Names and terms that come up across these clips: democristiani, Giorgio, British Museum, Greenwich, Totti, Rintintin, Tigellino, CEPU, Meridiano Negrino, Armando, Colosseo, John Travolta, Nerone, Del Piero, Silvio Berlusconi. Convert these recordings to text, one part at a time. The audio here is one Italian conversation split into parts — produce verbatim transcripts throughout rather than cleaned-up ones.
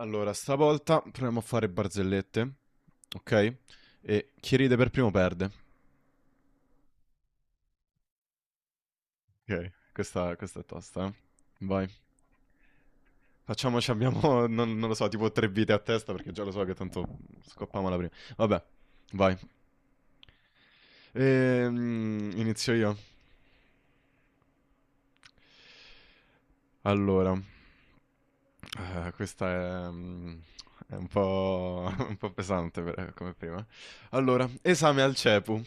Allora, stavolta proviamo a fare barzellette, ok? E chi ride per primo perde. Ok, questa, questa è tosta, eh. Vai. Facciamoci, abbiamo, non, non lo so, tipo tre vite a testa perché già lo so che tanto scoppiamo la prima. Vabbè, vai. Ehm, inizio io. Allora, eh, questa è, mm, è un po', un po' pesante per- come prima. Allora, esame al C E P U.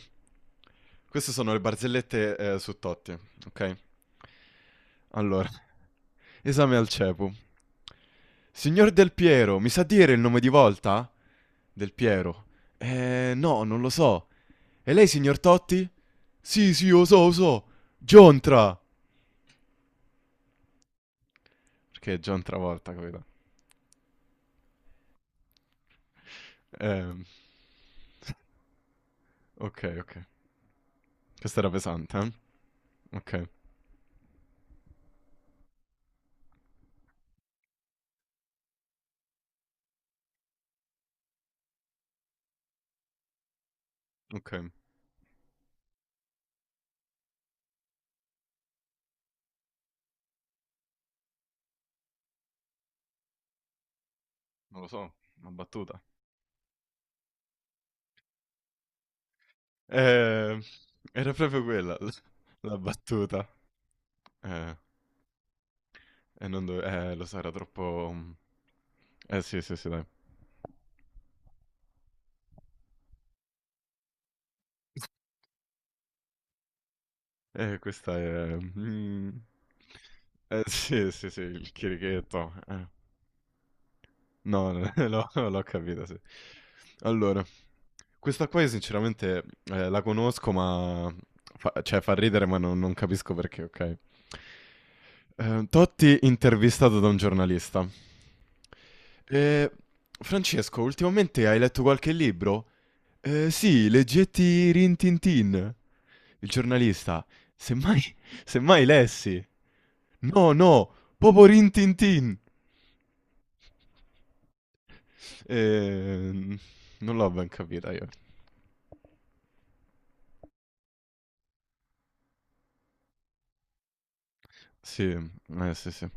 Queste sono le barzellette eh, su Totti, ok? Allora, esame al C E P U. Signor Del Piero, mi sa dire il nome di volta? Del Piero. Eh, no, non lo so. E lei, signor Totti? Sì, sì, lo so, lo so. Giontra. Perché è John Travolta quello. Ehm, ok, ok. Questa era pesante, eh? Ok, ok. Non lo so, una battuta. Ehm, Era proprio quella, la, la battuta. Eh, e non dove... Eh, lo so, era troppo... Eh, sì, sì, sì, dai. Eh, questa è... mm, Eh, sì, sì, sì, il chierichetto, eh. No, no, l'ho l'ho capito, sì. Allora, questa qua io sinceramente eh, la conosco, ma... Fa, cioè, fa ridere, ma non, non capisco perché, ok? Eh, Totti intervistato da un giornalista. Eh, Francesco, ultimamente hai letto qualche libro? Eh, sì, leggetti Rintintin. Il giornalista, semmai, semmai lessi. No, no, proprio Rintintin. Eh, non l'ho ben capita io. Sì, eh, sì, sì.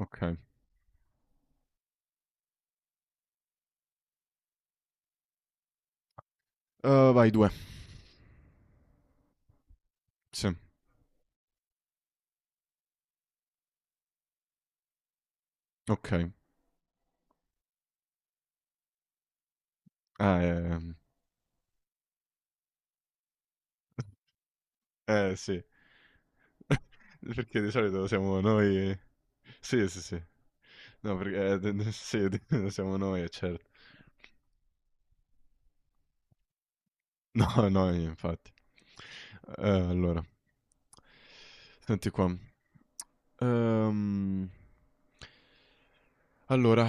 Okay. Uhm, vai due. Sì, okay. Ah, ehm, eh, sì. Perché di solito siamo noi, sì, sì, sì. No, perché, ehm, d n sì, d siamo noi, eh, cer no, no, infatti. Eh, allora, senti qua. Ehm, allora,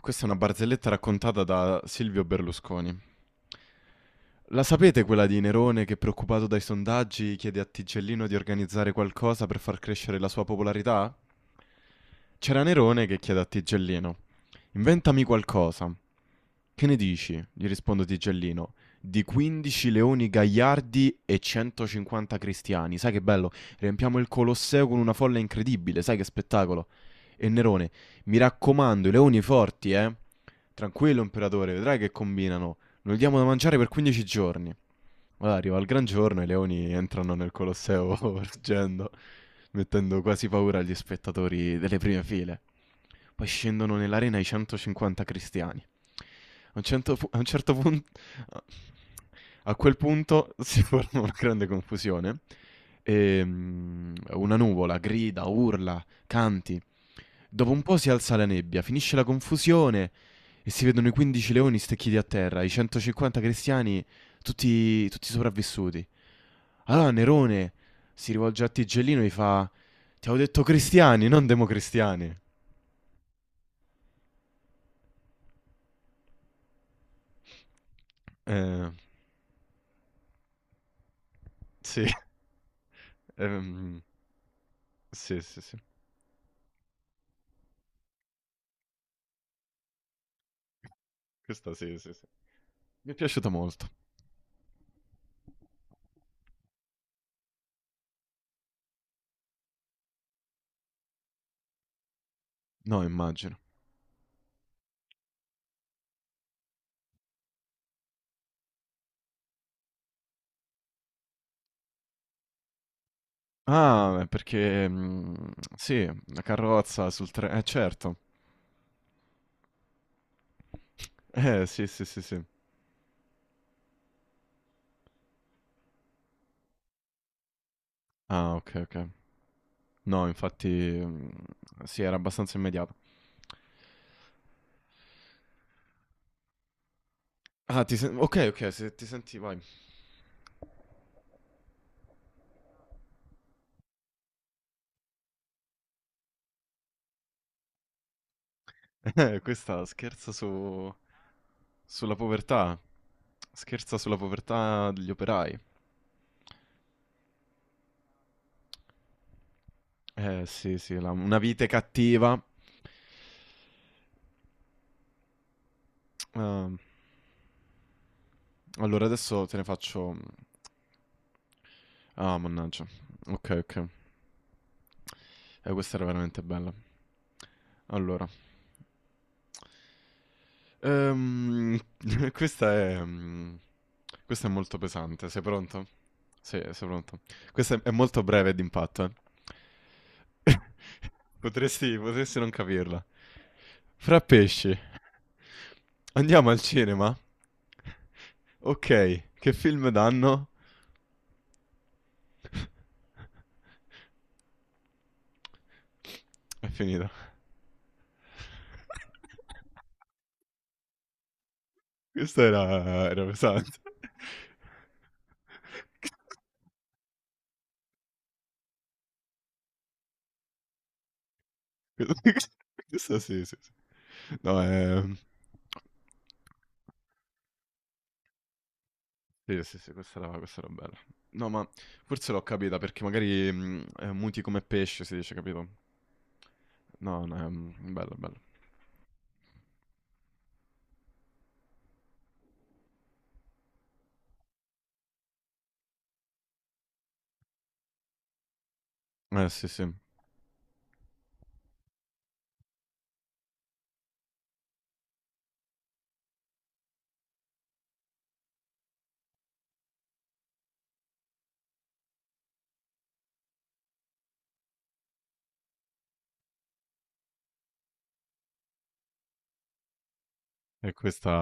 questa è una barzelletta raccontata da Silvio Berlusconi. La sapete quella di Nerone che, preoccupato dai sondaggi, chiede a Tigellino di organizzare qualcosa per far crescere la sua popolarità? C'era Nerone che chiede a Tigellino: inventami qualcosa. Che ne dici? Gli risponde Tigellino, di quindici leoni gagliardi e centocinquanta cristiani. Sai che bello? Riempiamo il Colosseo con una folla incredibile, sai che spettacolo? E Nerone, mi raccomando, i leoni forti, eh? Tranquillo, imperatore, vedrai che combinano. Noi diamo da mangiare per quindici giorni. Allora arriva il gran giorno e i leoni entrano nel Colosseo ruggendo, mettendo quasi paura agli spettatori delle prime file. Poi scendono nell'arena i centocinquanta cristiani. A un, cento pu- a un certo punto a a quel punto si forma una grande confusione. Ehm, una nuvola grida, urla, canti. Dopo un po' si alza la nebbia, finisce la confusione e si vedono i quindici leoni stecchiti a terra, i centocinquanta cristiani tutti, tutti sopravvissuti. Allora Nerone si rivolge a Tigellino e gli fa: ti avevo detto cristiani, non democristiani. Eh, sì. Ehm, sì, sì, sì. Questa sì, sì, sì. Mi è piaciuta molto. No, immagino. Ah, è perché... mm, sì, la carrozza sul treno... Eh, certo. Eh, sì, sì, sì, sì. Ah, ok, ok. No, infatti... mm, sì, era abbastanza immediato. Ah, ti sen- ok, ok, se ti senti, vai. Eh, questa scherza su... sulla povertà. Scherza sulla povertà degli operai. Eh, sì, sì, la- una vite cattiva. Ehm, Allora adesso te ne faccio... Ah, mannaggia. Ok, ok. Eh, questa era veramente bella. Allora. Ehm, questa è... mm, questa è molto pesante. Sei pronto? Sì, sei pronto. Questa è è molto breve e d'impatto, eh. Potresti, potresti non capirla. Fra pesci, andiamo al cinema? Ok, che film danno? È finita. Questo era, era pesante. Questo sì, sì, sì. No, è... Sì, sì, sì, questa era, questa era bella. No, ma forse l'ho capita perché magari mh, eh, muti come pesce, si dice, capito? No, no, è mh, bello, bello. Eh, sì, sì. E questa,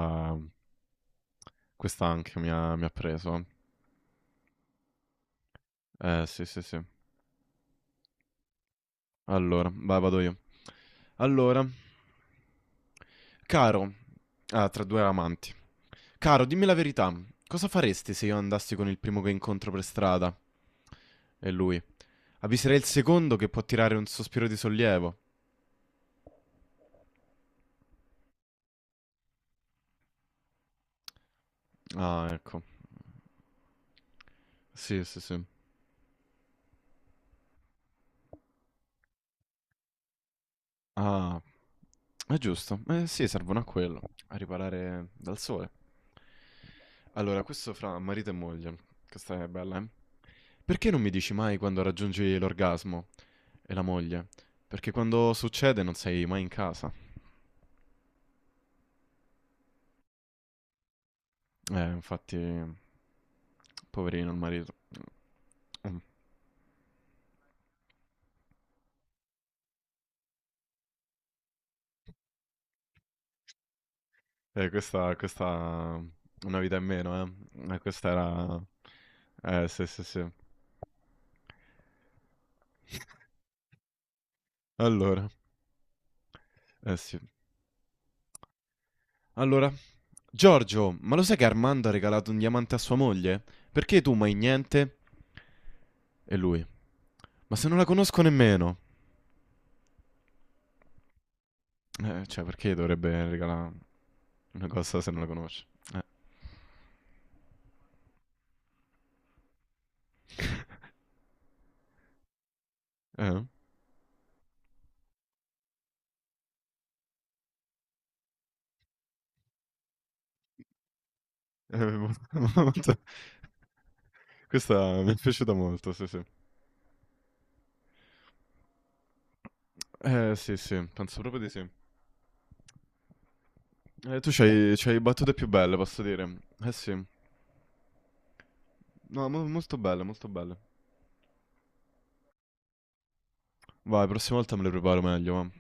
questa anche mi ha, mi ha preso. Eh, sì, sì, sì. Allora, vai, vado io. Allora, caro, ah, tra due amanti. Caro, dimmi la verità. Cosa faresti se io andassi con il primo che incontro per strada? E lui. Avviserei il secondo che può tirare un sospiro di sollievo. Ah, ecco. Sì, sì, sì. Ah, è giusto. Eh sì, servono a quello, a riparare dal sole. Allora, questo fra marito e moglie. Questa è bella, eh? Perché non mi dici mai quando raggiungi l'orgasmo? E la moglie? Perché quando succede non sei mai in casa. Eh, infatti, poverino il marito. Mm. Eh, questa, questa... Una vita in meno, eh? Eh, questa era... Eh, sì, sì, sì. Allora. Eh sì. Allora, Giorgio, ma lo sai che Armando ha regalato un diamante a sua moglie? Perché tu mai niente? E lui, ma se non la conosco nemmeno. Eh, cioè, perché dovrebbe regalare una cosa se non la conosce? Eh, eh? Eh, mo- molto- questa mi è piaciuta molto, sì, sì. Eh, sì, sì, penso proprio di sì. Eh, tu c'hai, c'hai battute più belle, posso dire. Eh sì. No, mo- molto belle, molto belle. Vai, prossima volta me le preparo meglio, ma.